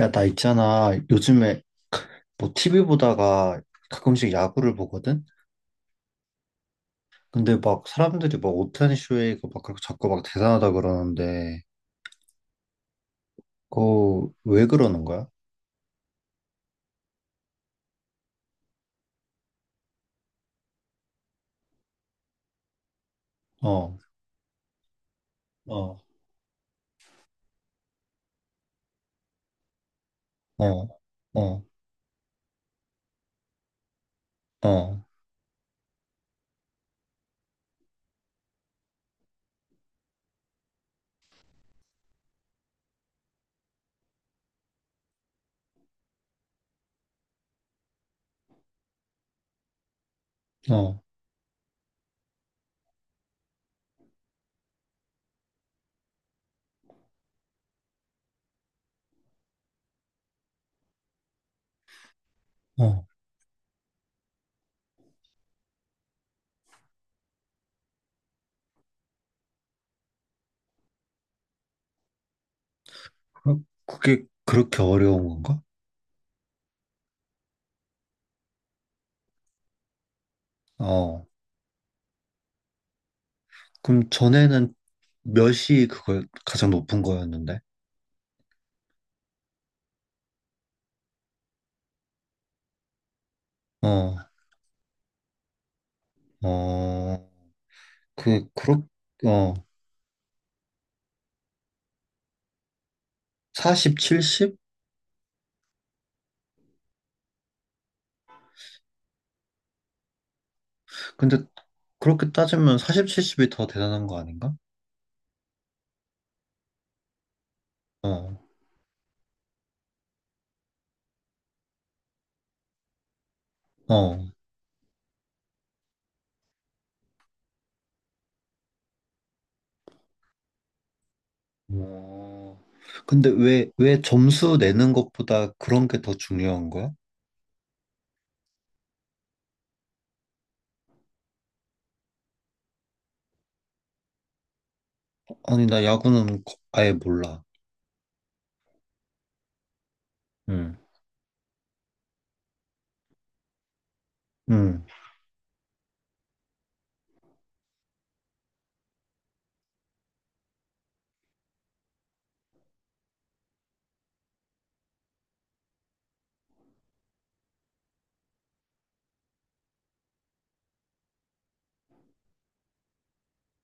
야, 나 있잖아. 요즘에 뭐 TV 보다가 가끔씩 야구를 보거든? 근데 막 사람들이 막 오타니 쇼헤이가 막 그렇게 자꾸 막 대단하다 그러는데, 그거 왜 그러는 거야? 어, 어, 어, 어, 어, 어, 어. 그게 그렇게 어려운 건가? 어. 그럼 전에는 몇이 그걸 가장 높은 거였는데? 어, 어, 그, 그렇, 어, 40, 70? 근데 그렇게 따지면 40, 70이 더 대단한 거 아닌가? 어, 어. 어, 근데 왜 점수 내는 것보다 그런 게 더 중요한 거야? 아니, 나 야구는 아예 몰라. 응 응,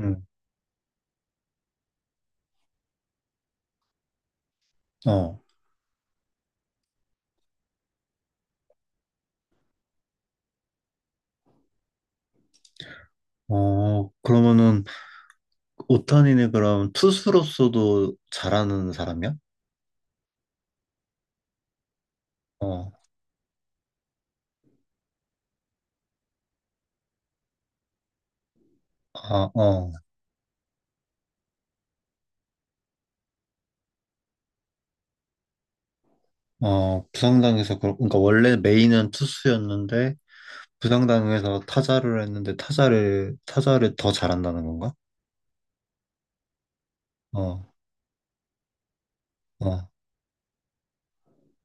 응, 어. 어, 그러면은, 오타니는 그럼 투수로서도 잘하는 사람이야? 어, 아, 어, 어, 부상당해서, 그러니까 원래 메인은 투수였는데, 부상당해서 타자를 했는데, 타자를 더 잘한다는 건가? 어, 어.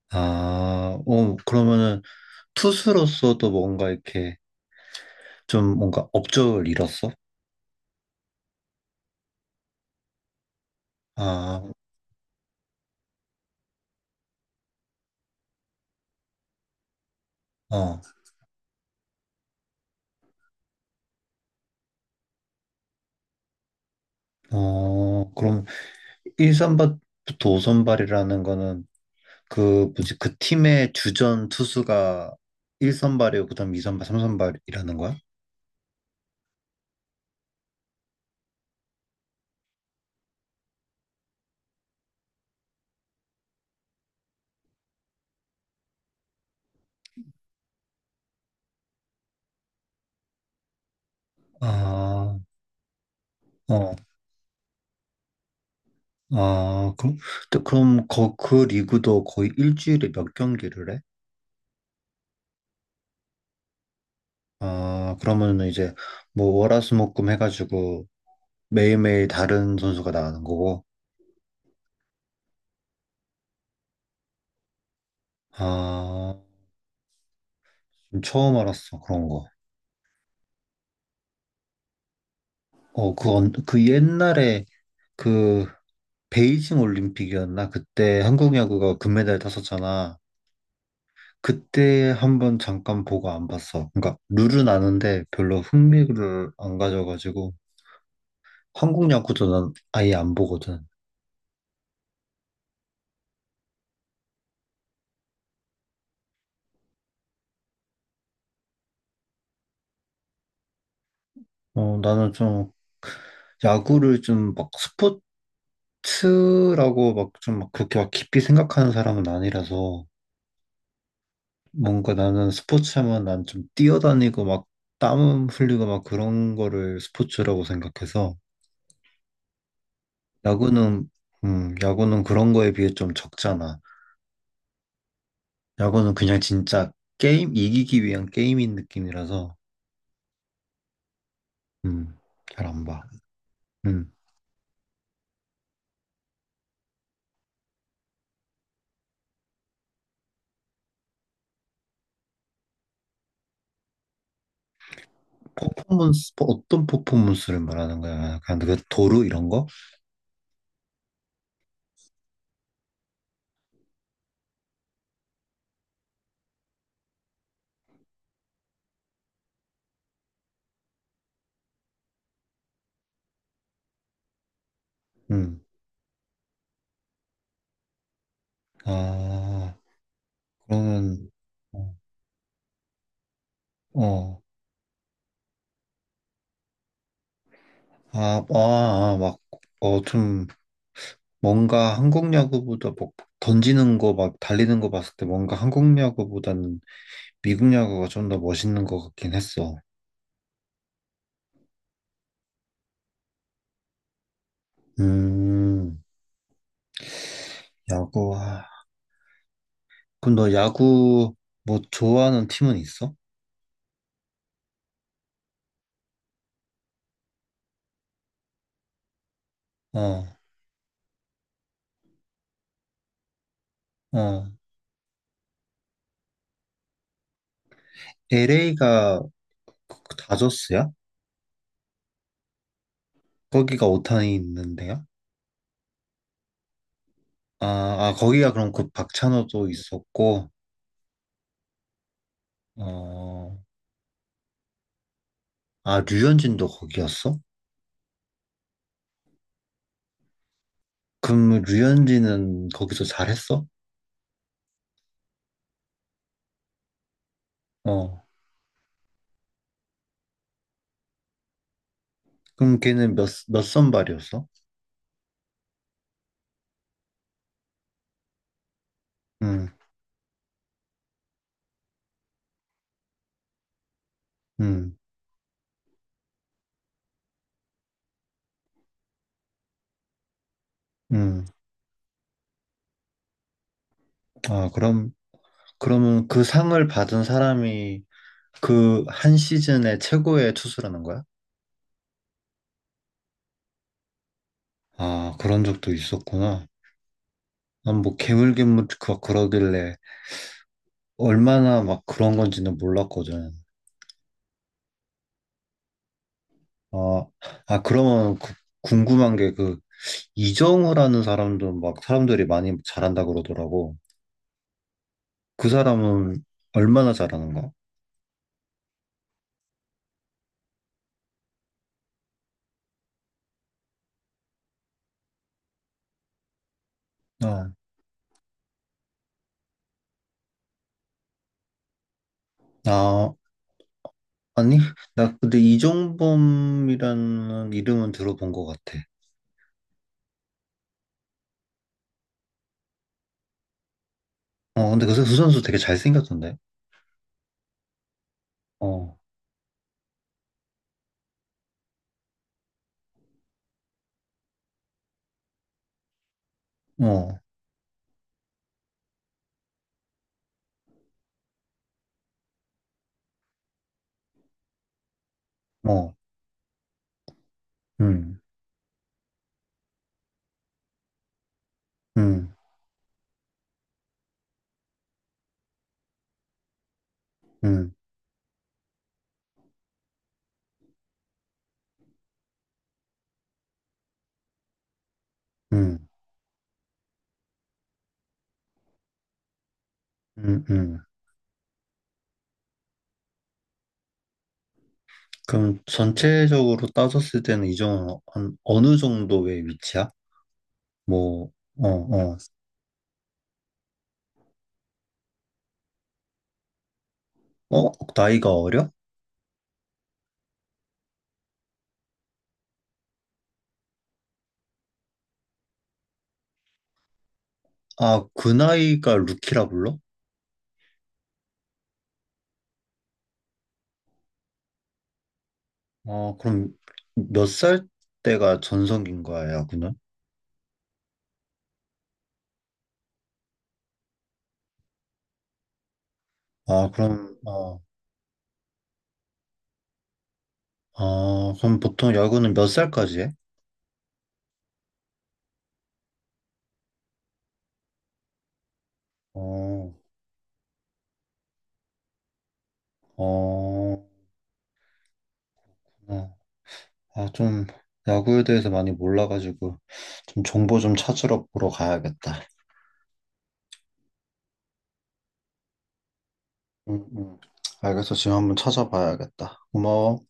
아, 어, 그러면은 투수로서도 뭔가 이렇게 좀 뭔가 업적을 이뤘어? 아, 어, 어, 그럼 1선발부터 5선발이라는 거는 그 뭐지 그 팀의 주전 투수가 1선발이고 그다음 2선발, 3선발이라는 거야? 아, 어, 아, 그럼 또 그럼 그 리그도 거의 일주일에 몇 경기를 해? 아, 그러면은 이제 뭐 월화수목금 해가지고 매일매일 다른 선수가 나가는 거고. 아, 지금 처음 알았어. 그런 거. 어, 그, 그 옛날에 그 베이징 올림픽이었나? 그때 한국 야구가 금메달 땄었잖아. 그때 한번 잠깐 보고 안 봤어. 그러니까 룰은 아는데 별로 흥미를 안 가져가지고 한국 야구도 난 아예 안 보거든. 어, 나는 좀 야구를 좀 막 스포츠라고 막 좀 막 그렇게 막 깊이 생각하는 사람은 아니라서 뭔가 나는 스포츠 하면 난 좀 뛰어다니고 막 땀 흘리고 막 그런 거를 스포츠라고 생각해서 야구는 야구는 그런 거에 비해 좀 적잖아. 야구는 그냥 진짜 게임 이기기 위한 게임인 느낌이라서 음, 잘 안 봐. 음. 퍼포먼스 뭐 어떤 퍼포먼스를 말하는 거야? 약간 그 도루 이런 거? 음. 아, 그러면 어. 어, 아, 아, 아, 막, 어, 좀, 뭔가 한국 야구보다 뭐 던지는 거 막 달리는 거 봤을 때 뭔가 한국 야구보다는 미국 야구가 좀 더 멋있는 것 같긴 했어. 음, 야구. 아, 그럼 너 야구 뭐 좋아하는 팀은 있어? 어, 어. LA가 다저스야? 거기가 오타니 있는데요? 아, 아, 거기가 그럼 그 박찬호도 있었고, 어, 아, 류현진도 거기였어? 그럼 류현진은 거기서 잘했어? 어. 그럼 걔는 몇 선발이었어? 음, 음, 음. 아, 그럼, 그러면 그 상을 받은 사람이 그 한 시즌의 최고의 투수라는 거야? 아, 그런 적도 있었구나. 난 뭐 개물개물 그러길래 얼마나 막 그런 건지는 몰랐거든. 아, 아, 그러면 궁금한 게 그 이정우라는 사람도 막 사람들이 많이 잘한다 그러더라고. 그 사람은 얼마나 잘하는 거야? 아, 아, 아니, 나 근데 이종범이라는 이름은 들어본 것 같아. 어, 근데 그 선수 되게 잘생겼던데. 어, 어, 어, 음, 음, 음, 음, 음, 음. 그럼 전체적으로 따졌을 때는 이종은 한 어느 정도의 위치야? 뭐, 어, 어, 어, 나이가 어려? 아, 그 나이가 루키라 불러? 어, 그럼 몇 살 때가 전성기인 거야, 야구는? 아, 그럼, 어, 아, 그럼 보통 야구는 몇 살까지 해? 어, 어, 어. 아, 좀 야구에 대해서 많이 몰라가지고 좀 정보 좀 찾으러 보러 가야겠다. 응, 응. 알겠어. 지금 한번 찾아봐야겠다. 고마워.